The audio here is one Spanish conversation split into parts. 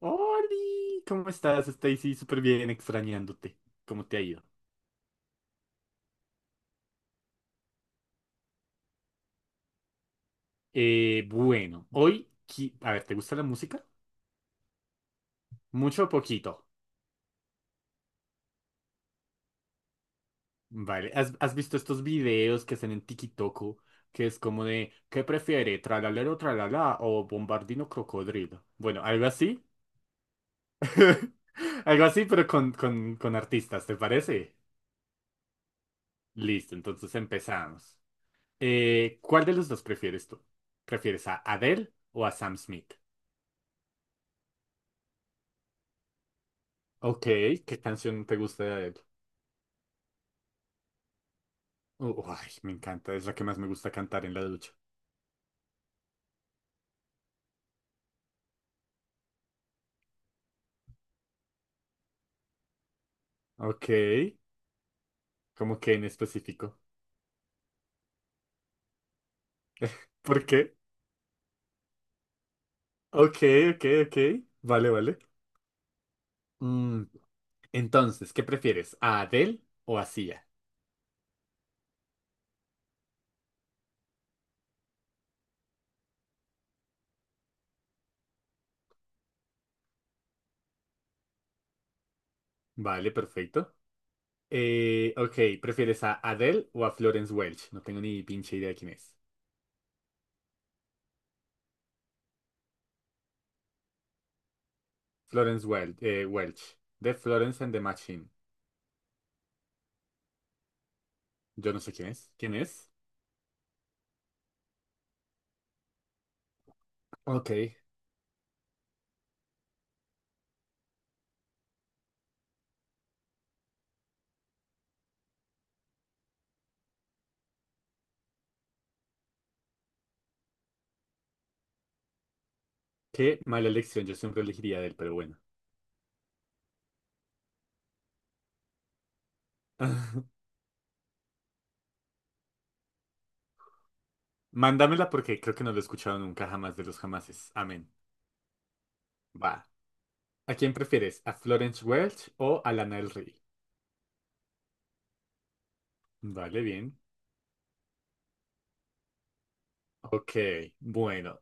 Oli, ¿cómo estás, Stacy? Súper bien, extrañándote. ¿Cómo te ha ido? Bueno, hoy, a ver, ¿te gusta la música? Mucho o poquito. Vale, ¿has visto estos videos que hacen en TikTok? Que es como de, ¿qué prefiere? ¿Tralalero, tralala o bombardino crocodrilo? Bueno, algo así. Algo así, pero con artistas, ¿te parece? Listo, entonces empezamos. ¿Cuál de los dos prefieres tú? ¿Prefieres a Adele o a Sam Smith? Ok, ¿qué canción te gusta de Adele? Ay, me encanta, es la que más me gusta cantar en la ducha. Ok, ¿cómo que en específico? ¿Por qué? Ok, ok, ok. Vale, vale. Mm, entonces, ¿qué prefieres? ¿A Adele o a Sia? Vale, perfecto. Ok, ¿prefieres a Adele o a Florence Welch? No tengo ni pinche idea de quién es. Florence Welch, Welch, de Florence and the Machine. Yo no sé quién es. ¿Quién es? Ok, qué mala elección, yo siempre elegiría a Adele, pero bueno. Mándamela porque creo que no lo he escuchado nunca jamás de los jamases. Amén. Va. ¿A quién prefieres? ¿A Florence Welch o a Lana del Rey? Vale, bien. Ok, bueno.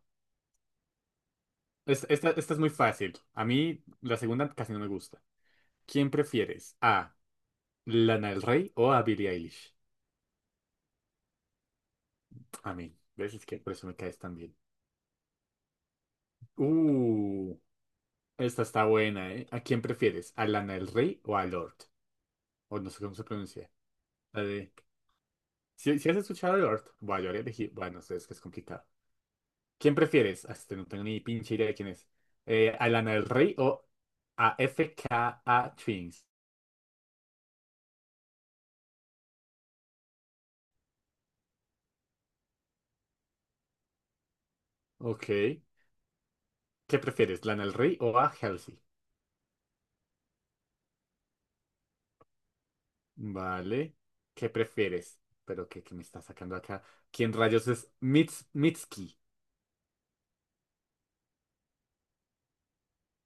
Esta, esta es muy fácil. A mí la segunda casi no me gusta. ¿Quién prefieres? ¿A Lana del Rey o a Billie Eilish? Amén. ¿Ves? Es que por eso me caes tan bien. Uh, esta está buena, ¿eh? ¿A quién prefieres? ¿A Lana del Rey o a Lord? O no sé cómo se pronuncia. La de... Si, si has escuchado a Lord, bueno, yo habría elegido... Bueno, no sé, es que es complicado. ¿Quién prefieres? No tengo ni pinche idea de quién es. ¿A Lana del Rey o a F K A Twins? Ok. ¿Qué prefieres? ¿Lana del Rey o a Halsey? Vale. ¿Qué prefieres? Pero ¿qué me está sacando acá? ¿Quién rayos es Mitski?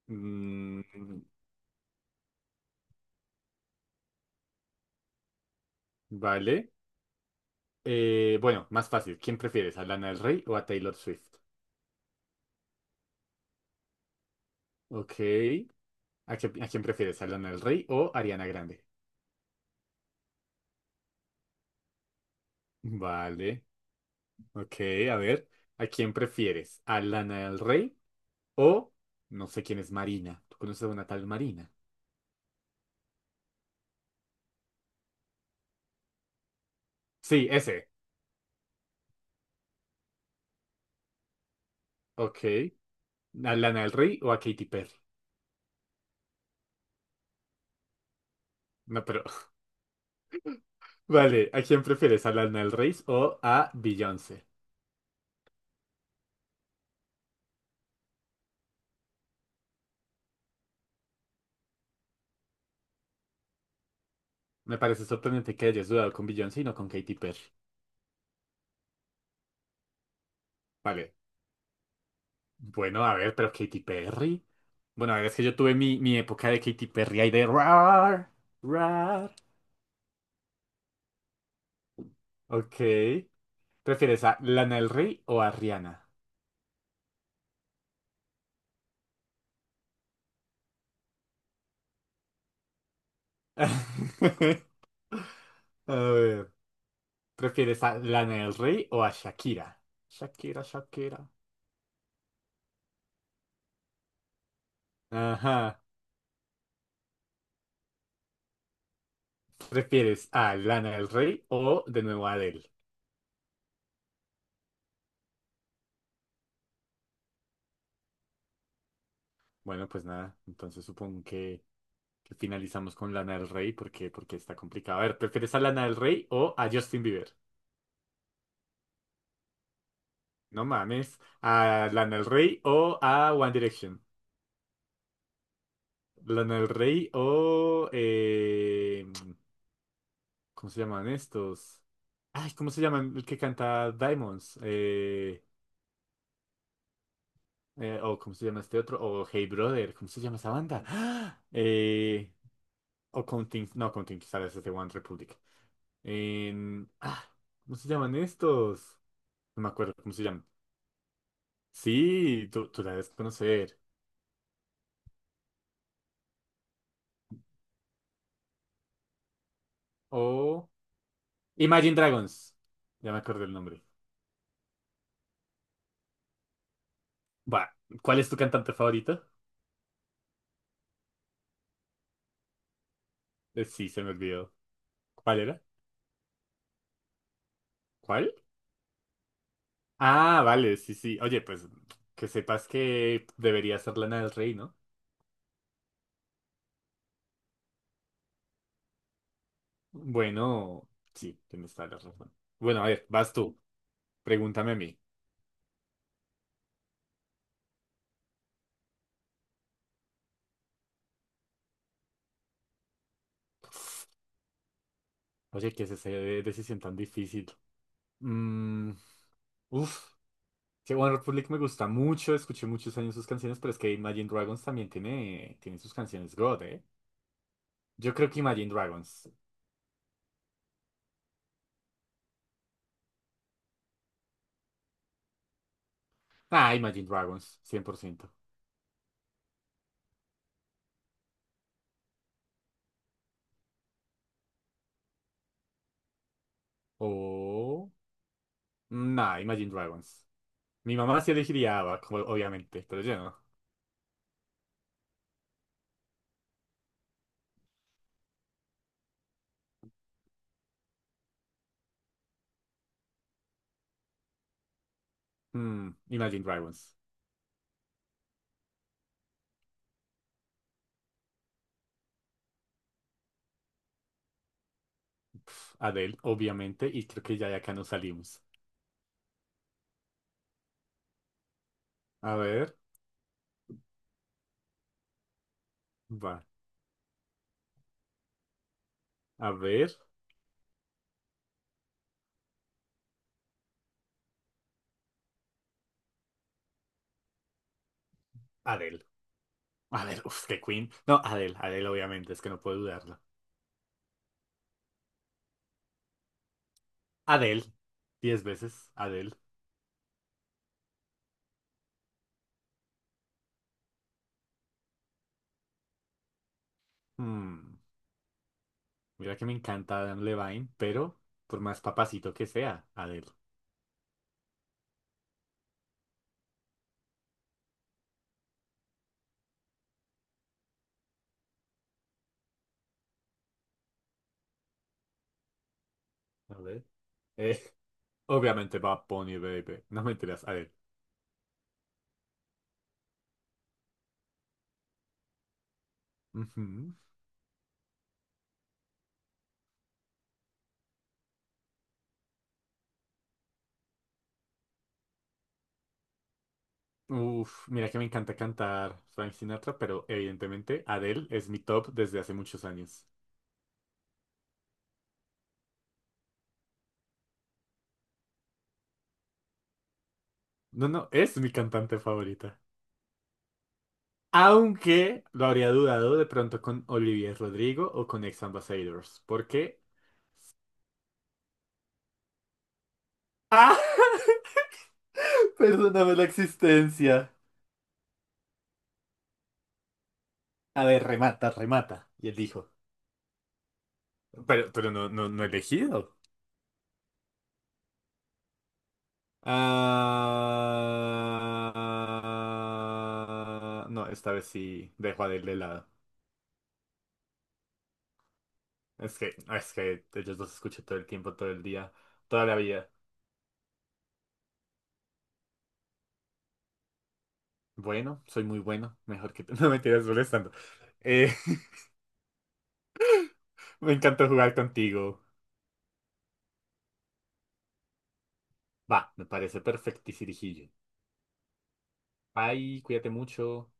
Mm, vale. Bueno, más fácil. ¿Quién prefieres? ¿A Lana del Rey o a Taylor Swift? Ok. ¿A quién prefieres? ¿A Lana del Rey o Ariana Grande? Vale. Ok, a ver, ¿a quién prefieres? ¿A Lana del Rey o no sé quién es Marina? ¿Tú conoces a una tal Marina? Sí, ese. Ok. ¿A Lana del Rey o a Katy Perry? No, pero... Vale, ¿a quién prefieres? ¿A Lana del Rey o a Beyoncé? Me parece sorprendente que hayas dudado con Beyoncé y no con Katy Perry. Vale. Bueno, a ver, pero Katy Perry. Bueno, a ver, es que yo tuve mi época de Katy Perry ahí de rar. Ok. ¿Prefieres a Lana del Rey o a Rihanna? A ver, ¿prefieres a Lana del Rey o a Shakira? Shakira, Shakira. Ajá. ¿Prefieres a Lana del Rey o de nuevo a Adele? Bueno, pues nada, entonces supongo que finalizamos con Lana del Rey porque, porque está complicado. A ver, ¿prefieres a Lana del Rey o a Justin Bieber? No mames. ¿A Lana del Rey o a One Direction? ¿Lana del Rey o... ¿Cómo se llaman estos? Ay, ¿cómo se llaman el que canta Diamonds? O ¿cómo se llama este otro? O Hey Brother, ¿cómo se llama esa banda? ¡Ah! O Counting, no, Counting Stars es de One Republic. En- ah, ¿Cómo se llaman estos? No me acuerdo cómo se llaman. Sí, tú la debes conocer. O Imagine Dragons. Ya me acuerdo el nombre. Va, ¿cuál es tu cantante favorito? Sí, se me olvidó. ¿Cuál era? ¿Cuál? Ah, vale, sí, sí. Oye, pues que sepas que debería ser Lana del Rey, ¿no? Bueno, sí, tienes toda la razón. Bueno, a ver, vas tú. Pregúntame a mí. Oye, ¿qué es esa decisión tan difícil? Mm, uf, que One Republic me gusta mucho, escuché muchos años sus canciones, pero es que Imagine Dragons también tiene sus canciones God, ¿eh? Yo creo que Imagine Dragons. Ah, Imagine Dragons, 100%. O... Nah, Imagine Dragons. Mi mamá sí elegiría ABBA, como- obviamente, pero yo no. Imagine Dragons. Adele, obviamente, y creo que ya de acá nos salimos. A ver, va. A ver, Adele. A ver, uf, que Queen. No, Adele, Adele, obviamente, es que no puedo dudarlo. Adele, 10 veces, Adele. Mm, mira que me encanta Adam Levine, pero por más papacito que sea, Adele. A ver. Eh, obviamente va Bunny, baby. No me enteras, Adele. Ujú. Uf, mira que me encanta cantar Frank Sinatra, pero evidentemente Adele es mi top desde hace muchos años. No, no, es mi cantante favorita. Aunque lo habría dudado de pronto con Olivier Rodrigo o con Ex Ambassadors. Porque. ¡Ah! Perdóname la existencia. A ver, remata, remata. Y él dijo. Pero, no he elegido. Ah, no, esta vez sí dejo a Adele de lado. Es que ellos los escucho todo el tiempo, todo el día, toda la vida. Bueno, soy muy bueno. Mejor que... No me tiras molestando. Eh, Me encantó jugar contigo. Va, me parece perfectirijillo. Bye, cuídate mucho.